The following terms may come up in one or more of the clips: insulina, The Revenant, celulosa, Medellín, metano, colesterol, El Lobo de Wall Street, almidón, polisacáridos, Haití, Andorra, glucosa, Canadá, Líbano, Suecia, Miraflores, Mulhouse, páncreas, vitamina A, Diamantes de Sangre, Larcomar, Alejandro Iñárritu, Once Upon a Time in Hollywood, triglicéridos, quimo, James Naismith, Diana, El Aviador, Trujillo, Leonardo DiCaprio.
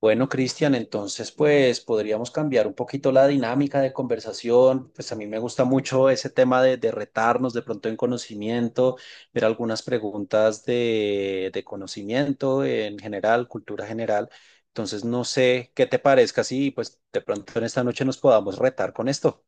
Bueno, Cristian, entonces pues podríamos cambiar un poquito la dinámica de conversación. Pues a mí me gusta mucho ese tema de retarnos de pronto en conocimiento, ver algunas preguntas de conocimiento en general, cultura general. Entonces no sé qué te parezca si pues de pronto en esta noche nos podamos retar con esto.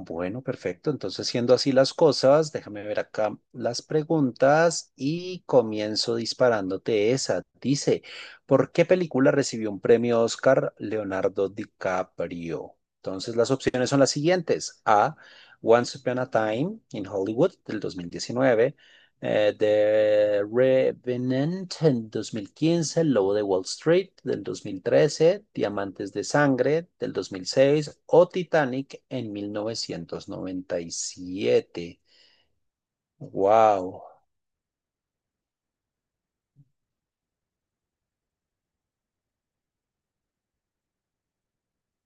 Bueno, perfecto. Entonces, siendo así las cosas, déjame ver acá las preguntas y comienzo disparándote esa. Dice, ¿por qué película recibió un premio Oscar Leonardo DiCaprio? Entonces, las opciones son las siguientes. A, Once Upon a Time in Hollywood del 2019, The Revenant en 2015, El Lobo de Wall Street del 2013, Diamantes de Sangre del 2006 o Titanic en 1997. Wow.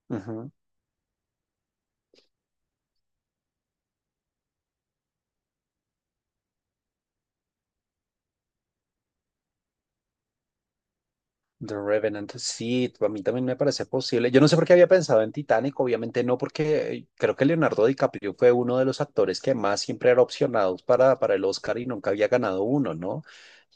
Ujú. The Revenant, sí, a mí también me parece posible. Yo no sé por qué había pensado en Titanic, obviamente no, porque creo que Leonardo DiCaprio fue uno de los actores que más siempre era opcionados para el Oscar y nunca había ganado uno, ¿no?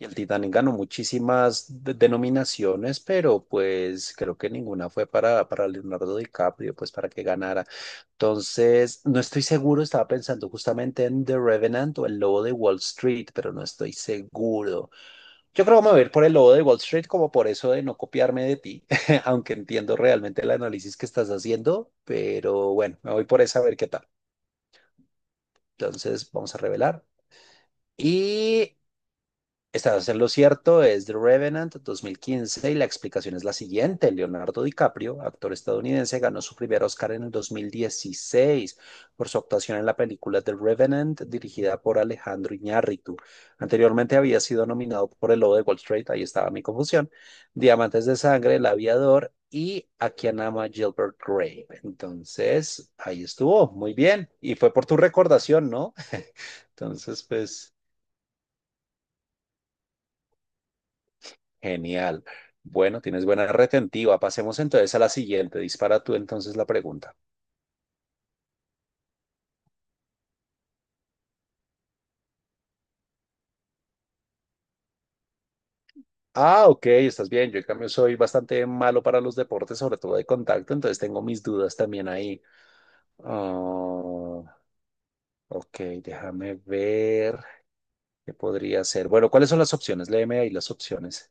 Y el Titanic ganó muchísimas denominaciones, pero pues creo que ninguna fue para Leonardo DiCaprio, pues para que ganara. Entonces, no estoy seguro, estaba pensando justamente en The Revenant o El Lobo de Wall Street, pero no estoy seguro. Yo creo que me voy a ir por el lobo de Wall Street como por eso de no copiarme de ti, aunque entiendo realmente el análisis que estás haciendo, pero bueno, me voy por esa a ver qué tal. Entonces vamos a revelar. Y estás en lo cierto, es The Revenant 2015 y la explicación es la siguiente. Leonardo DiCaprio, actor estadounidense, ganó su primer Oscar en el 2016 por su actuación en la película The Revenant, dirigida por Alejandro Iñárritu. Anteriormente había sido nominado por El Lobo de Wall Street, ahí estaba mi confusión, Diamantes de Sangre, El Aviador y A quien ama Gilbert Grape. Entonces, ahí estuvo, muy bien. Y fue por tu recordación, ¿no? Entonces, pues. Genial. Bueno, tienes buena retentiva. Pasemos entonces a la siguiente. Dispara tú entonces la pregunta. Ah, ok, estás bien. Yo en cambio soy bastante malo para los deportes, sobre todo de contacto, entonces tengo mis dudas también ahí. Ah, ok, déjame ver qué podría ser. Bueno, ¿cuáles son las opciones? Léeme ahí las opciones.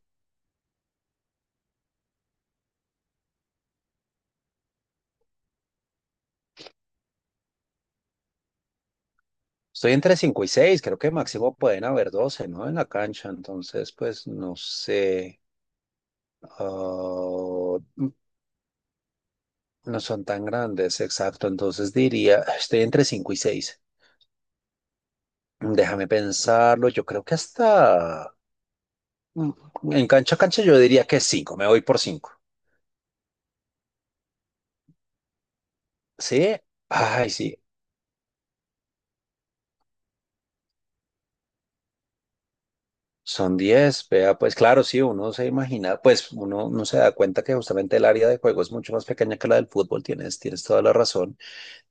Estoy entre 5 y 6. Creo que máximo pueden haber 12, ¿no? En la cancha, entonces, pues no sé. Ah, no son tan grandes, exacto. Entonces diría, ah, estoy entre 5 y seis. Déjame pensarlo. Yo creo que hasta mm, en cancha a cancha yo diría que cinco. Me voy por cinco. ¿Sí? Ay, sí. Son 10. Vea, pues claro, sí, uno se imagina, pues uno no se da cuenta que justamente el área de juego es mucho más pequeña que la del fútbol. Tienes, tienes toda la razón.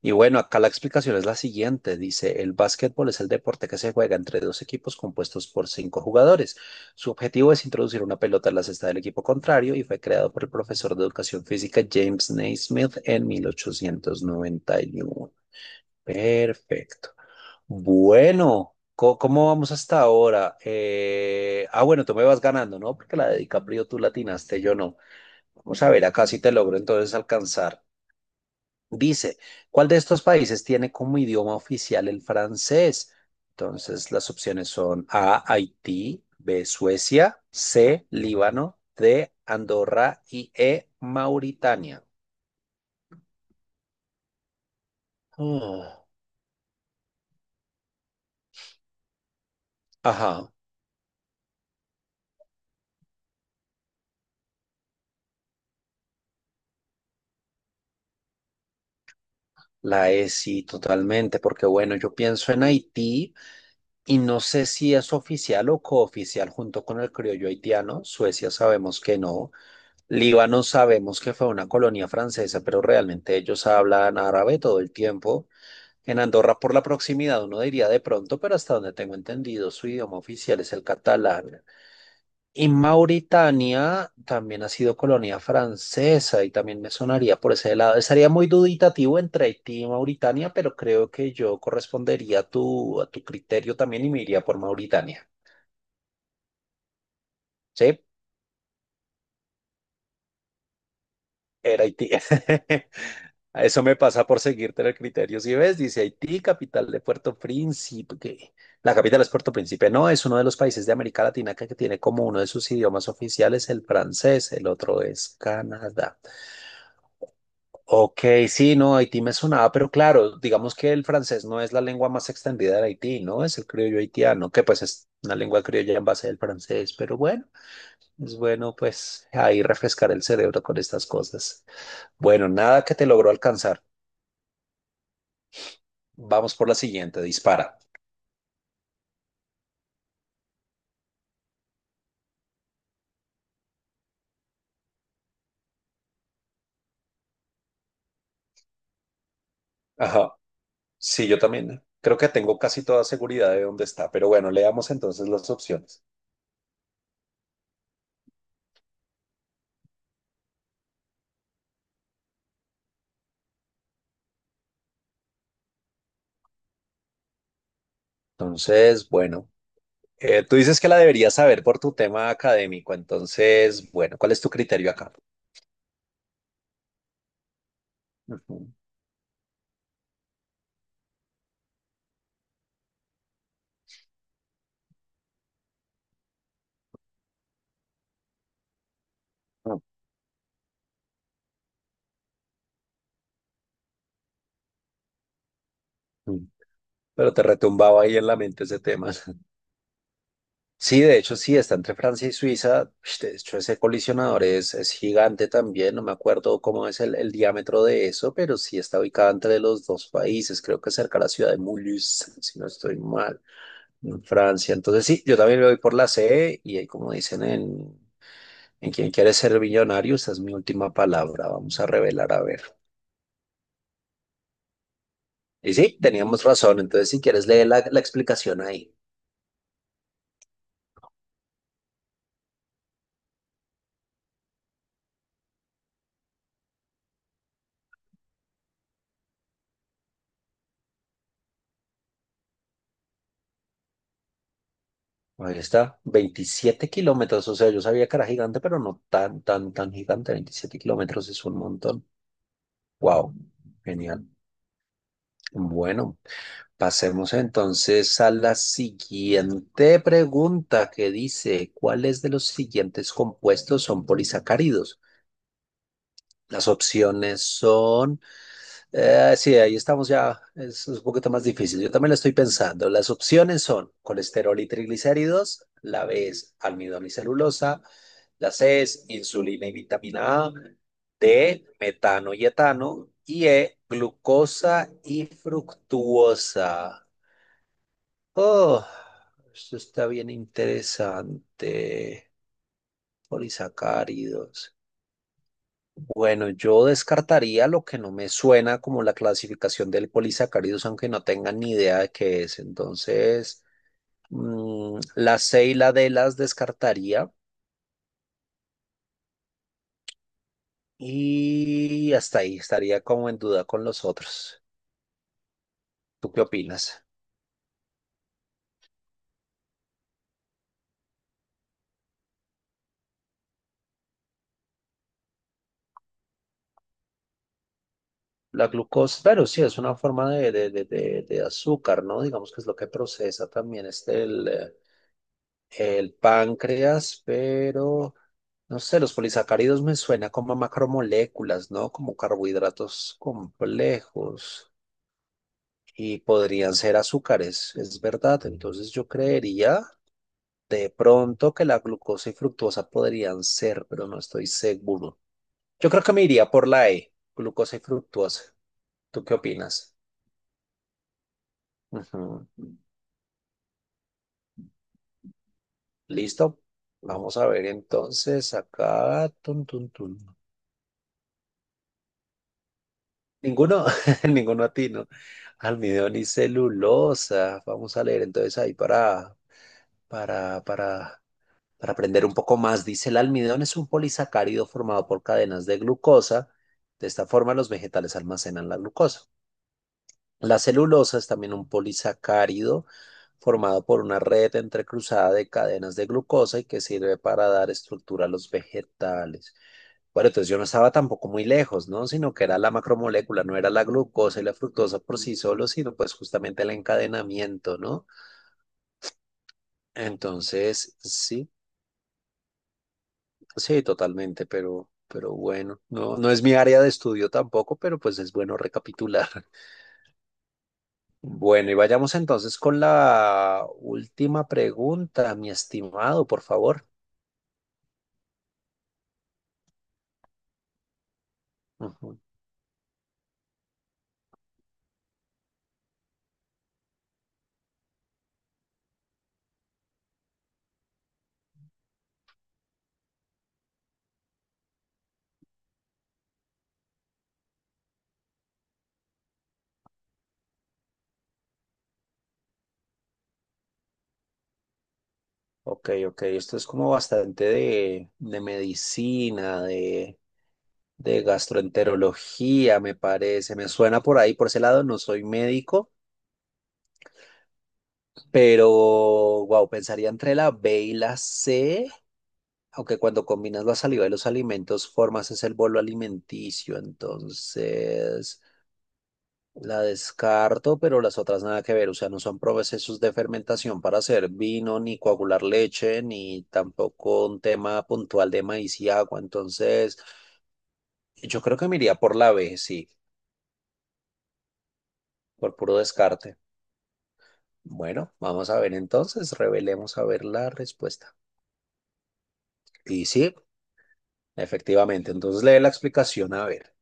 Y bueno, acá la explicación es la siguiente. Dice, el básquetbol es el deporte que se juega entre dos equipos compuestos por cinco jugadores. Su objetivo es introducir una pelota en la cesta del equipo contrario y fue creado por el profesor de educación física James Naismith en 1891. Perfecto. Bueno, ¿cómo vamos hasta ahora? Ah, bueno, tú me vas ganando, ¿no? Porque la de DiCaprio tú latinaste, yo no. Vamos a ver acá si te logro entonces alcanzar. Dice, ¿cuál de estos países tiene como idioma oficial el francés? Entonces, las opciones son A, Haití, B, Suecia, C, Líbano, D, Andorra y E, Mauritania. Oh, ajá, la E sí, totalmente, porque bueno, yo pienso en Haití y no sé si es oficial o cooficial junto con el criollo haitiano. Suecia sabemos que no. Líbano sabemos que fue una colonia francesa, pero realmente ellos hablan árabe todo el tiempo. En Andorra, por la proximidad, uno diría de pronto, pero hasta donde tengo entendido, su idioma oficial es el catalán. Y Mauritania también ha sido colonia francesa y también me sonaría por ese lado. Estaría muy duditativo entre Haití y Mauritania, pero creo que yo correspondería a tu criterio también y me iría por Mauritania. ¿Sí? Era Haití. Eso me pasa por seguirte el criterio. Si ves, dice Haití, capital de Puerto Príncipe. La capital es Puerto Príncipe. No, es uno de los países de América Latina que tiene como uno de sus idiomas oficiales el francés. El otro es Canadá. Ok, sí, no, Haití me sonaba, pero claro, digamos que el francés no es la lengua más extendida de Haití, ¿no? Es el criollo haitiano, que pues es una lengua criolla en base al francés. Pero bueno, es bueno pues ahí refrescar el cerebro con estas cosas. Bueno, nada que te logró alcanzar. Vamos por la siguiente, dispara. Ajá. Sí, yo también. Creo que tengo casi toda seguridad de dónde está, pero bueno, leamos entonces las opciones. Entonces, bueno, tú dices que la deberías saber por tu tema académico, entonces, bueno, ¿cuál es tu criterio acá? Ujú. Ujú. Pero te retumbaba ahí en la mente ese tema. Sí, de hecho, sí, está entre Francia y Suiza. Ush. De hecho, ese colisionador es gigante también. No me acuerdo cómo es el diámetro de eso, pero sí está ubicado entre los dos países. Creo que cerca de la ciudad de Mulhouse, si no estoy mal, en Francia. Entonces, sí, yo también me voy por la C y ahí, como dicen en Quien quiere ser millonario, esa es mi última palabra. Vamos a revelar, a ver. Y sí, teníamos razón. Entonces, si quieres, lee la explicación ahí. Ahí está, 27 km, o sea, yo sabía que era gigante, pero no tan, tan, tan gigante. 27 km es un montón. Wow, genial. Bueno, pasemos entonces a la siguiente pregunta que dice, ¿cuáles de los siguientes compuestos son polisacáridos? Las opciones son. Sí, ahí estamos ya, es un poquito más difícil. Yo también lo estoy pensando. Las opciones son colesterol y triglicéridos, la B es almidón y celulosa, la C es insulina y vitamina A, D, metano y etano, y E, glucosa y fructuosa. Oh, esto está bien interesante. Polisacáridos. Bueno, yo descartaría lo que no me suena como la clasificación del polisacáridos, aunque no tenga ni idea de qué es. Entonces, la C y la D las descartaría y hasta ahí estaría como en duda con los otros. ¿Tú qué opinas? La glucosa, pero sí, es una forma de azúcar, ¿no? Digamos que es lo que procesa también el páncreas, pero no sé, los polisacáridos me suena como a macromoléculas, ¿no? Como carbohidratos complejos y podrían ser azúcares, es verdad. Entonces yo creería de pronto que la glucosa y fructuosa podrían ser, pero no estoy seguro. Yo creo que me iría por la E, glucosa y fructuosa. ¿Tú qué opinas? Ujú. ¿Listo? Vamos a ver entonces acá. Tun, tun, tun. Ninguno, ninguno atino. Almidón y celulosa. Vamos a leer entonces ahí para, para, para aprender un poco más. Dice, el almidón es un polisacárido formado por cadenas de glucosa. De esta forma, los vegetales almacenan la glucosa. La celulosa es también un polisacárido formado por una red entrecruzada de cadenas de glucosa y que sirve para dar estructura a los vegetales. Bueno, entonces yo no estaba tampoco muy lejos, ¿no? Sino que era la macromolécula, no era la glucosa y la fructosa por sí solo, sino pues justamente el encadenamiento, ¿no? Entonces, sí, sí, totalmente, pero bueno, no, no es mi área de estudio tampoco, pero pues es bueno recapitular. Bueno, y vayamos entonces con la última pregunta, mi estimado, por favor. Ujú. Ok, ok, esto es como bastante de medicina, de gastroenterología, me parece, me suena por ahí, por ese lado, no soy médico, pero wow, pensaría entre la B y la C, aunque cuando combinas la saliva y los alimentos formas es el bolo alimenticio, entonces la descarto, pero las otras nada que ver, o sea, no son procesos de fermentación para hacer vino, ni coagular leche, ni tampoco un tema puntual de maíz y agua, entonces yo creo que me iría por la B, sí, por puro descarte. Bueno, vamos a ver entonces, revelemos a ver la respuesta. Y sí, efectivamente, entonces lee la explicación a ver.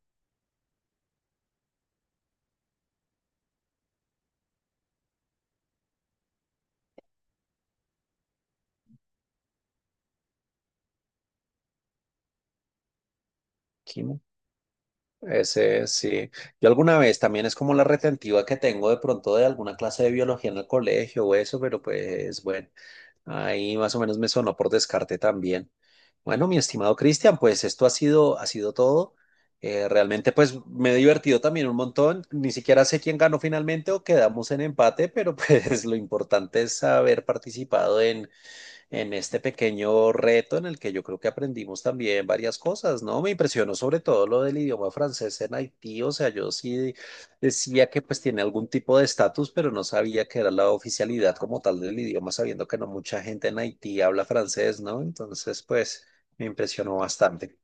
Quimo. Ese sí. Yo alguna vez también es como la retentiva que tengo de pronto de alguna clase de biología en el colegio o eso, pero pues bueno, ahí más o menos me sonó por descarte también. Bueno, mi estimado Cristian, pues esto ha sido todo. Realmente pues me he divertido también un montón. Ni siquiera sé quién ganó finalmente o quedamos en empate, pero pues lo importante es haber participado en este pequeño reto en el que yo creo que aprendimos también varias cosas, ¿no? Me impresionó sobre todo lo del idioma francés en Haití, o sea, yo sí decía que pues tiene algún tipo de estatus, pero no sabía que era la oficialidad como tal del idioma, sabiendo que no mucha gente en Haití habla francés, ¿no? Entonces, pues me impresionó bastante.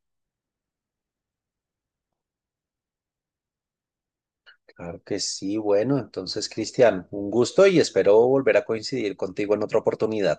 Claro que sí, bueno, entonces, Cristian, un gusto y espero volver a coincidir contigo en otra oportunidad.